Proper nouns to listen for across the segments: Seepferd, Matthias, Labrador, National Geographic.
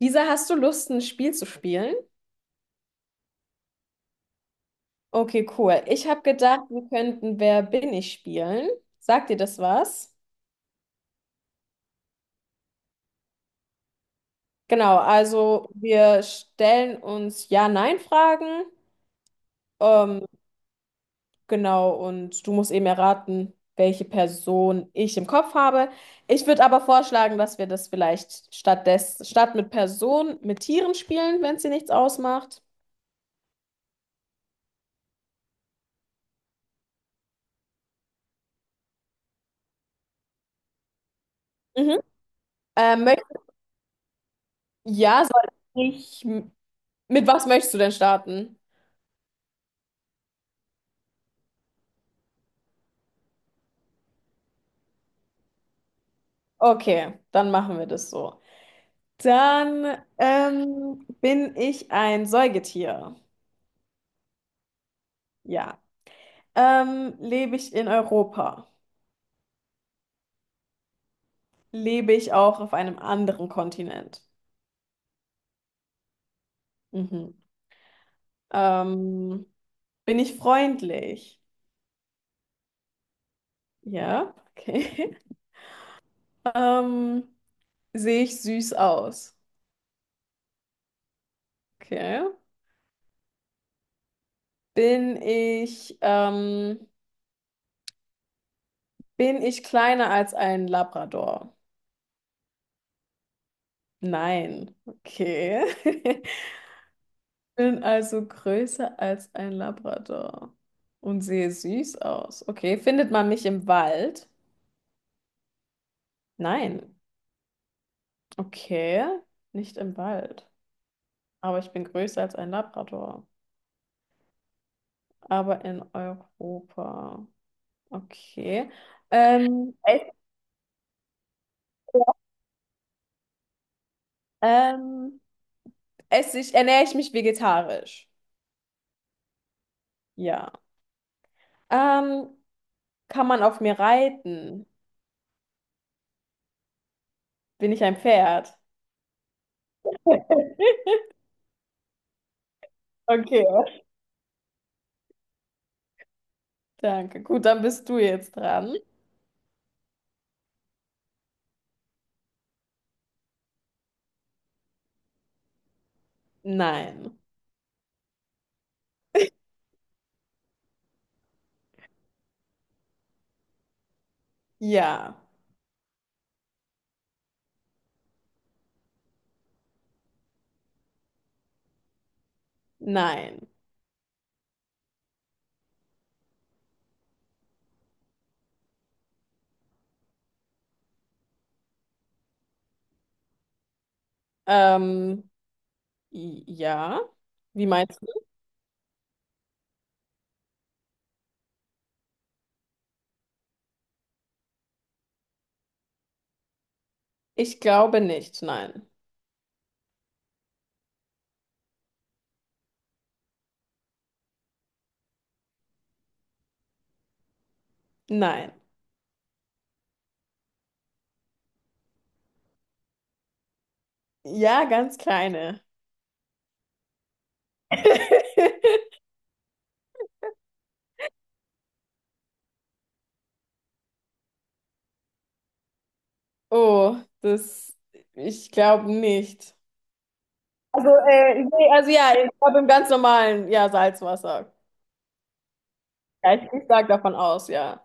Lisa, hast du Lust, ein Spiel zu spielen? Okay, cool. Ich habe gedacht, wir könnten Wer bin ich spielen. Sagt dir das was? Genau, also wir stellen uns Ja-Nein-Fragen. Ähm, genau, und du musst eben erraten, welche Person ich im Kopf habe. Ich würde aber vorschlagen, dass wir das vielleicht statt mit Personen mit Tieren spielen, wenn es dir nichts ausmacht. Mhm. Ähm, möcht- ja, soll ich, mit was möchtest du denn starten? Okay, dann machen wir das so. Dann bin ich ein Säugetier. Ja. Lebe ich in Europa? Lebe ich auch auf einem anderen Kontinent? Mhm. Ähm, bin ich freundlich? Ja, okay. Ähm, sehe ich süß aus? Okay. Bin ich, ähm, bin ich kleiner als ein Labrador? Nein. Okay. Bin also größer als ein Labrador und sehe süß aus. Okay, findet man mich im Wald? Nein. Okay, nicht im Wald. Aber ich bin größer als ein Labrador. Aber in Europa. Okay. Ähm, es, ähm, ernähre ich mich vegetarisch? Ja. Ähm, kann man auf mir reiten? Bin ich ein Pferd? Okay, danke. Gut, dann bist du jetzt dran. Nein. Ja. Nein. Ähm, ja. Wie meinst du? Ich glaube nicht. Nein. Nein. Ja, ganz kleine. Oh, das, ich glaube nicht. Nee, also ja, ich glaube im ganz normalen, ja, Salzwasser. Ja, ich sage davon aus, ja.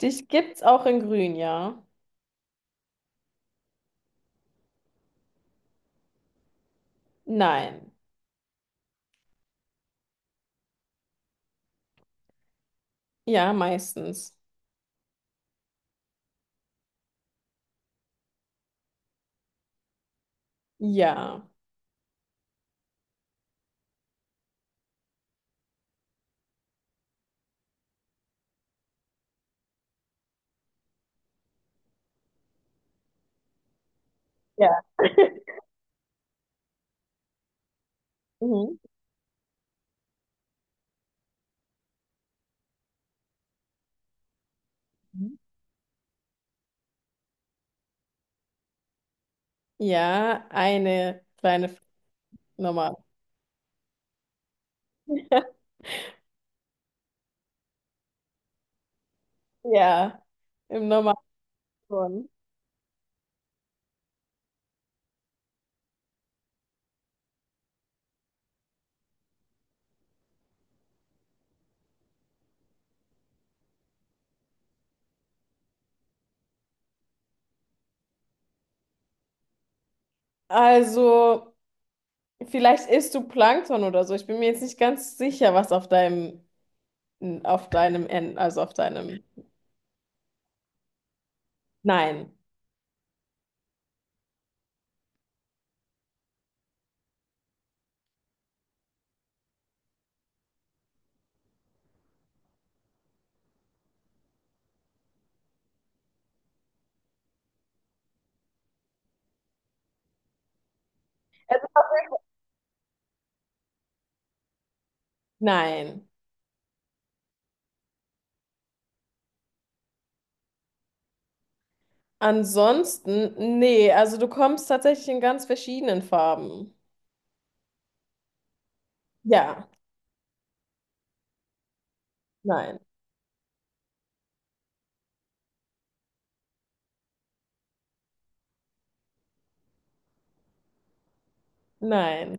Dich gibt's auch in Grün, ja? Nein. Ja, meistens. Ja. Ja. Mhm. Ja, eine kleine Nummer. Ja, im Normalen schon. Also, vielleicht isst du Plankton oder so. Ich bin mir jetzt nicht ganz sicher, was auf auf deinem End, also auf deinem. Nein, nein. Ansonsten, nee, also du kommst tatsächlich in ganz verschiedenen Farben. Ja, nein, nein.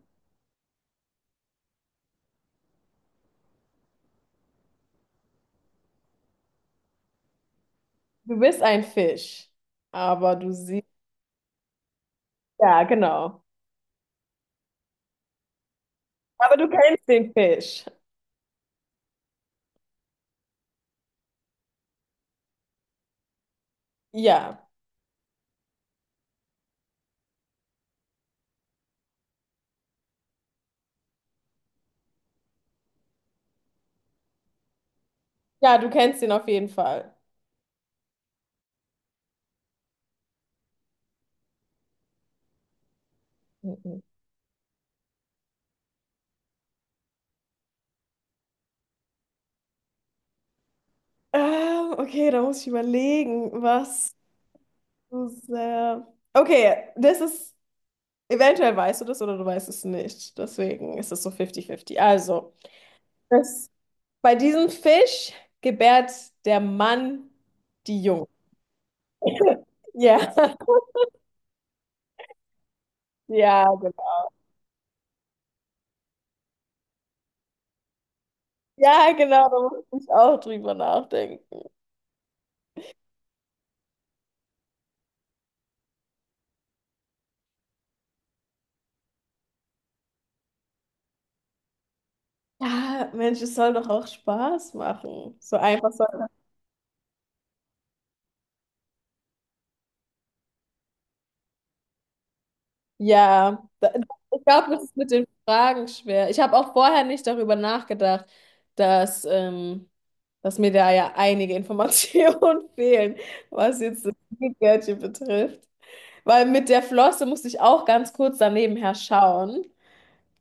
Du bist ein Fisch, aber du siehst, ja, genau. Aber du kennst den Fisch. Ja, ja, du kennst ihn auf jeden Fall. Mhm. Okay, da muss ich überlegen, was so sehr. Okay, das ist. Eventuell weißt du das oder du weißt es nicht. Deswegen ist es so 50-50. Das, bei diesem Fisch gebärt der Mann die Jungen. Ja, ja, genau. Ja, genau, da muss ich auch drüber nachdenken. Ja, Mensch, es soll doch auch Spaß machen. So einfach soll ja, da, ich glaube, das ist mit den Fragen schwer. Ich habe auch vorher nicht darüber nachgedacht, dass, ähm, dass mir da ja einige Informationen fehlen, was jetzt das Gummibärchen betrifft. Weil mit der Flosse musste ich auch ganz kurz daneben her schauen,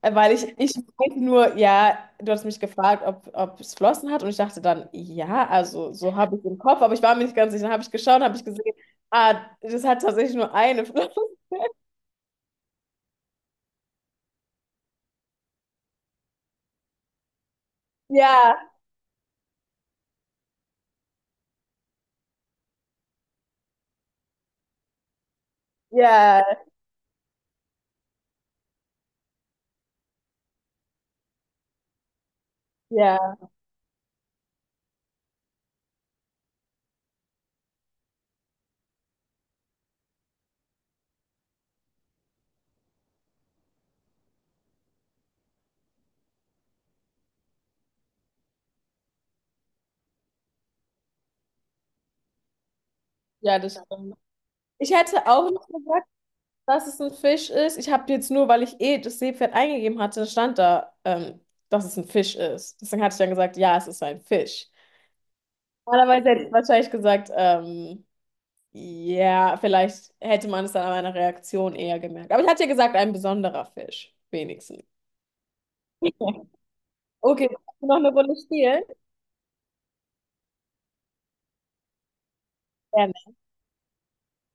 ich weiß nur, ja, du hast mich gefragt, ob es Flossen hat und ich dachte dann, ja, also so habe ich im Kopf, aber ich war mir nicht ganz sicher. Dann habe ich geschaut, habe ich gesehen, ah, das hat tatsächlich nur eine Flosse. Ja, ja. Ja, ja, das stimmt. Ich hätte auch nicht gesagt, dass es ein Fisch ist. Ich habe jetzt nur, weil ich eh das Seepferd eingegeben hatte, stand da, dass es ein Fisch ist. Deswegen hatte ich dann gesagt, ja, es ist ein Fisch. Normalerweise hätte ich wahrscheinlich gesagt, ja, vielleicht hätte man es dann an meiner Reaktion eher gemerkt. Aber ich hatte ja gesagt, ein besonderer Fisch, wenigstens. Okay, noch eine Runde spielen? Gerne.